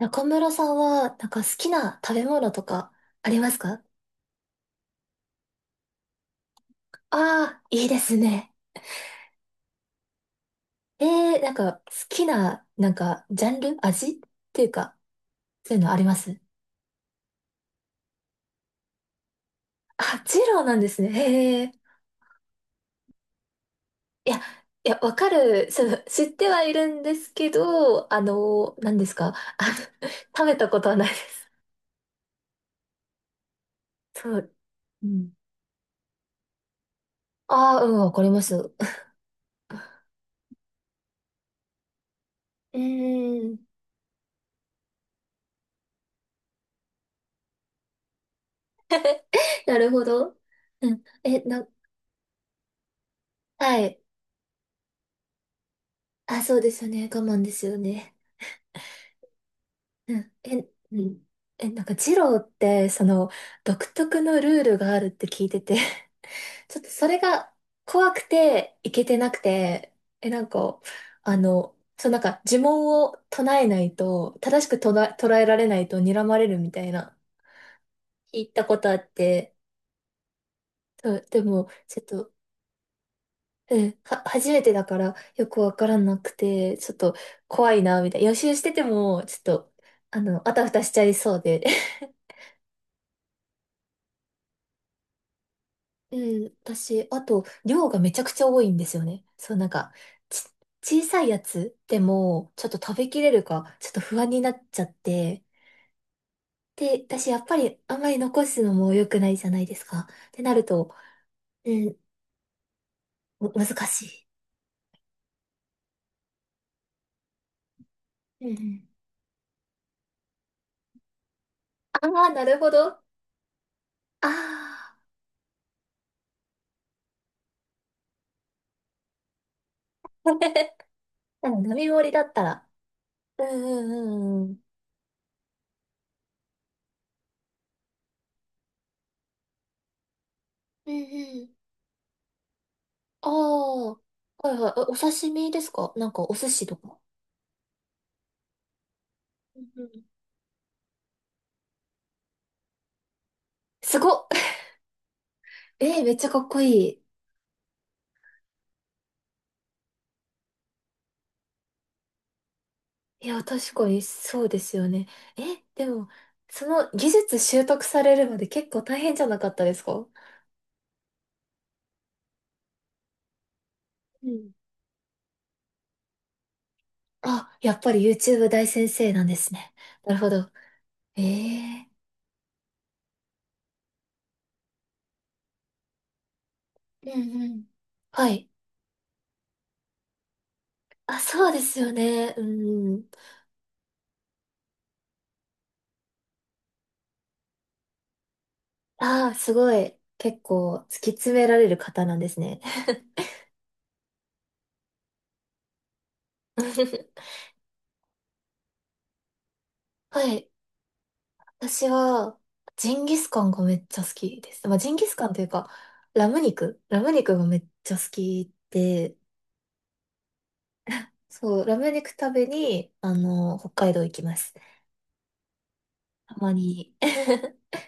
中村さんは、なんか好きな食べ物とかありますか？ああー、いいですね。えなんか好きな、ジャンル味っていうか、そういうのあります？あ、ジローなんですね。へえ。いや、いや、わかる。その、知ってはいるんですけど、何ですか、あの 食べたことはないです。そう。うん。ああ、うん、わかります。うーん。なるほど。うん。はい。あ、そうですよね。我慢ですよね。うん、え、うん。え、なんか、ジローって、その、独特のルールがあるって聞いてて、 ちょっとそれが怖くて、いけてなくて、え、なんか、あの、そう、なんか、呪文を唱えないと、正しく捉えられないと睨まれるみたいな、聞いたことあって、そう。でも、ちょっと、うん、は、初めてだから、よくわからなくて、ちょっと、怖いな、みたいな。予習してても、ちょっと、あたふたしちゃいそうで。うん、私、あと、量がめちゃくちゃ多いんですよね。ち、小さいやつでも、ちょっと食べきれるか、ちょっと不安になっちゃって。で、私、やっぱり、あんまり残すのも良くないじゃないですか。ってなると、うん、難しい。うんうん。ああ、なるほど。ああ。うん、並盛りだったら。うんうんうんうん。うんうん。ああ。はいはい。えお刺身ですか？なんか、お寿司とか。うんうん、すごっ。えー、めっちゃかっこいい。いや、確かにそうですよね。え、でも、その技術習得されるまで結構大変じゃなかったですか？うん。あ、やっぱり YouTube 大先生なんですね。なるほど。ええ、うんうん。はい。あ、そうですよね。うん。ああ、すごい。結構突き詰められる方なんですね。はい。私は、ジンギスカンがめっちゃ好きです。まあ、ジンギスカンというか、ラム肉がめっちゃ好きで、そう、ラム肉食べに、あの、北海道行きます。たまに。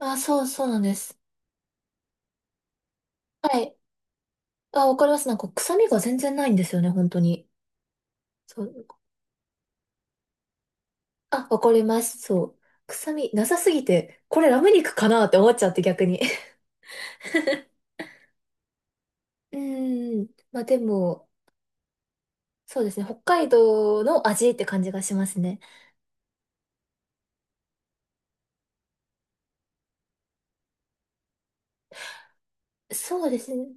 あ、そう、そうなんです。はい。あ、わかります。なんか、臭みが全然ないんですよね、本当に。そう。あ、わかります。そう。臭みなさすぎて、これラム肉かなって思っちゃって逆に。うーん。まあでも、そうですね。北海道の味って感じがしますね。そうですね。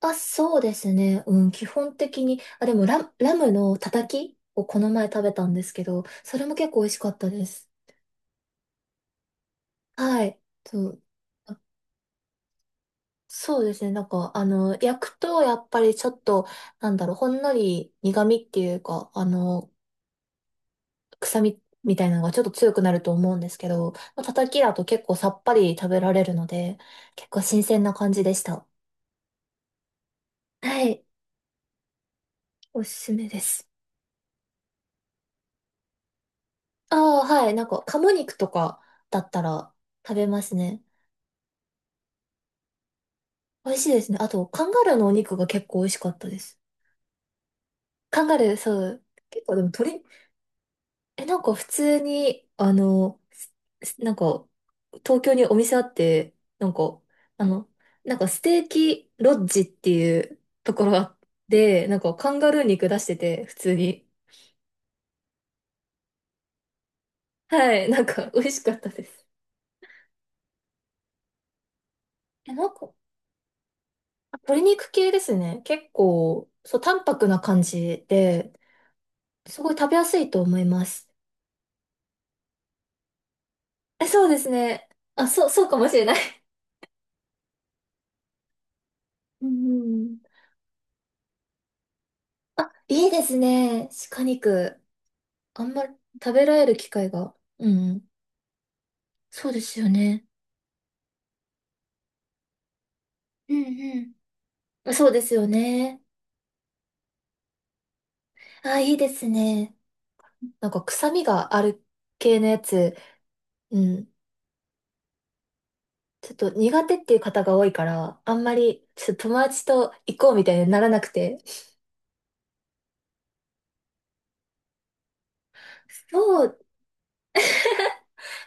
あ、そうですね。うん、基本的に。あ、でもラ、ラムのたたきをこの前食べたんですけど、それも結構美味しかったです。はい。そう。あ、そうですね。なんか、あの、焼くと、やっぱりちょっと、なんだろう、ほんのり苦味っていうか、臭みみたいなのがちょっと強くなると思うんですけど、まあ、叩きだと結構さっぱり食べられるので、結構新鮮な感じでした。はい。おすすめです。ああ、はい。なんか、鴨肉とかだったら食べますね。美味しいですね。あと、カンガルーのお肉が結構美味しかったです。カンガルー、そう。結構でも鶏、え、なんか普通に、あの、すすなんか、東京にお店あって、あの、ステーキロッジっていうところがあって、なんかカンガルー肉出してて、普通に。はい、なんか美味しかったです。え、なんか、鶏肉系ですね。結構、そう、淡白な感じで、すごい食べやすいと思います。え、そうですね。あ、そう、そうかもしれない。うんうんうん。あ、いいですね。鹿肉。あんま食べられる機会が。うん。そうですよね。うんうん。そうですよね。あ、いいですね。なんか臭みがある系のやつ、うん。ちょっと苦手っていう方が多いから、あんまりちょっと友達と行こうみたいにならなくて。そう。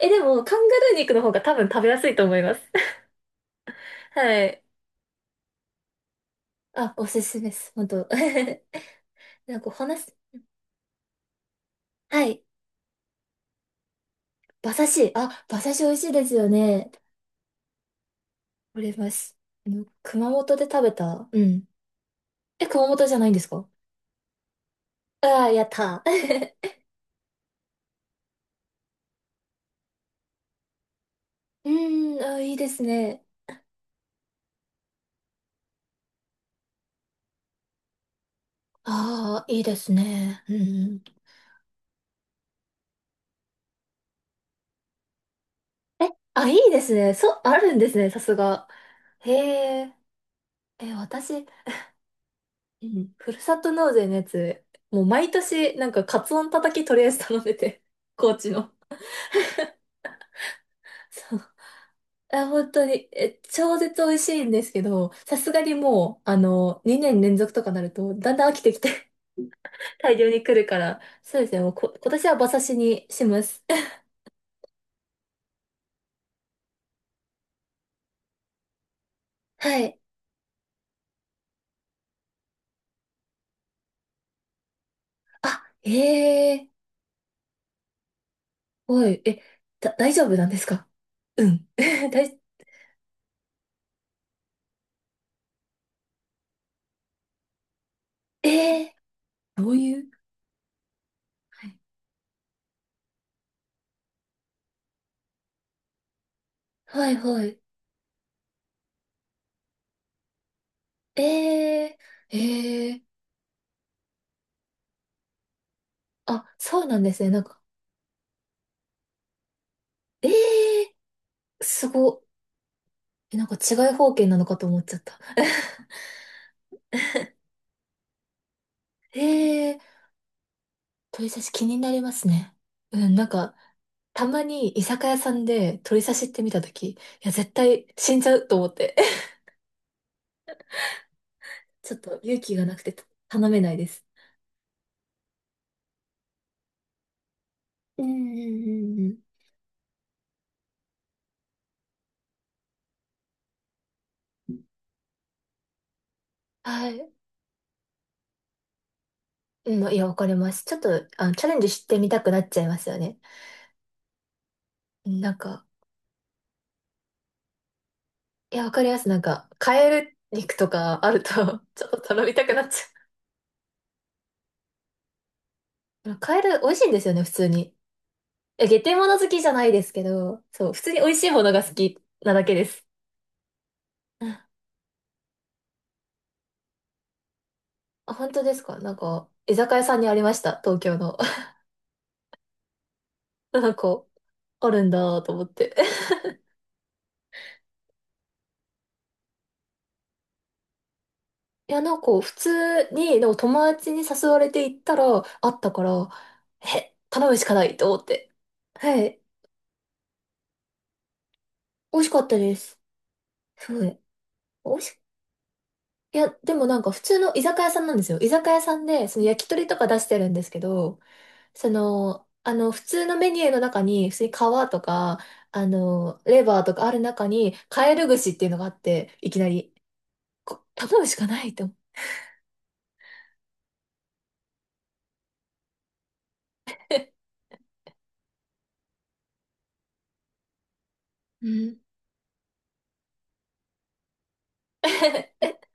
え、でも、カンガルー肉の方が多分食べやすいと思います。はい。あ、おすすめです。本当。 なんかお話す、はい。馬刺し。あ、馬刺し美味しいですよね。これます。あの、熊本で食べた。うん。え、熊本じゃないんですか？ああー、やったー。うーん、あー、いいですね。ああ、いいですね。うん。え、あ、いいですね。そう、あるんですね、さすが。へえ。え、私、うん、ふるさと納税のやつ、もう毎年、なんか、カツオのたたきとりあえず頼んでて、高知の。そう。あ、本当に、え、超絶美味しいんですけど、さすがにもう、あの、2年連続とかなると、だんだん飽きてきて大量に来るから、そうですね、もうこ、今年は馬刺しにします。はい。あ、ええー、おい、え、だ、大丈夫なんですか？うん。大、ええー、どういう、はい、はい、はい。えー、えー、あ、そうなんですね。なんか、ええー、すごい。え、なんか違い方形なのかと思っちゃった。ええー、鳥刺し気になりますね。うん、なんか、たまに居酒屋さんで鳥刺しって見たとき、いや、絶対死んじゃうと思って。ちょっと勇気がなくて頼めないです。うんうんうんうん。はい。うん、いや、わかります。ちょっと、あの、チャレンジしてみたくなっちゃいますよね。なんか、いや、わかります。なんか、カエル肉とかあると ちょっと頼みたくなっちゃう。カエル美味しいんですよね、普通に。え、下手物好きじゃないですけど、そう、普通に美味しいものが好きなだけです。うん、あ、本当ですか？なんか、居酒屋さんにありました、東京の。なんか、あるんだと思って。いや、なんか、普通に、でも友達に誘われて行ったら、あったから、え、頼むしかないと思って。はい。美味しかったです。すごい。美味し、いや、でもなんか普通の居酒屋さんなんですよ。居酒屋さんで、その焼き鳥とか出してるんですけど、その、あの、普通のメニューの中に、普通に皮とか、あの、レバーとかある中に、カエル串っていうのがあって、いきなり、こ頼むしかないと思って。うん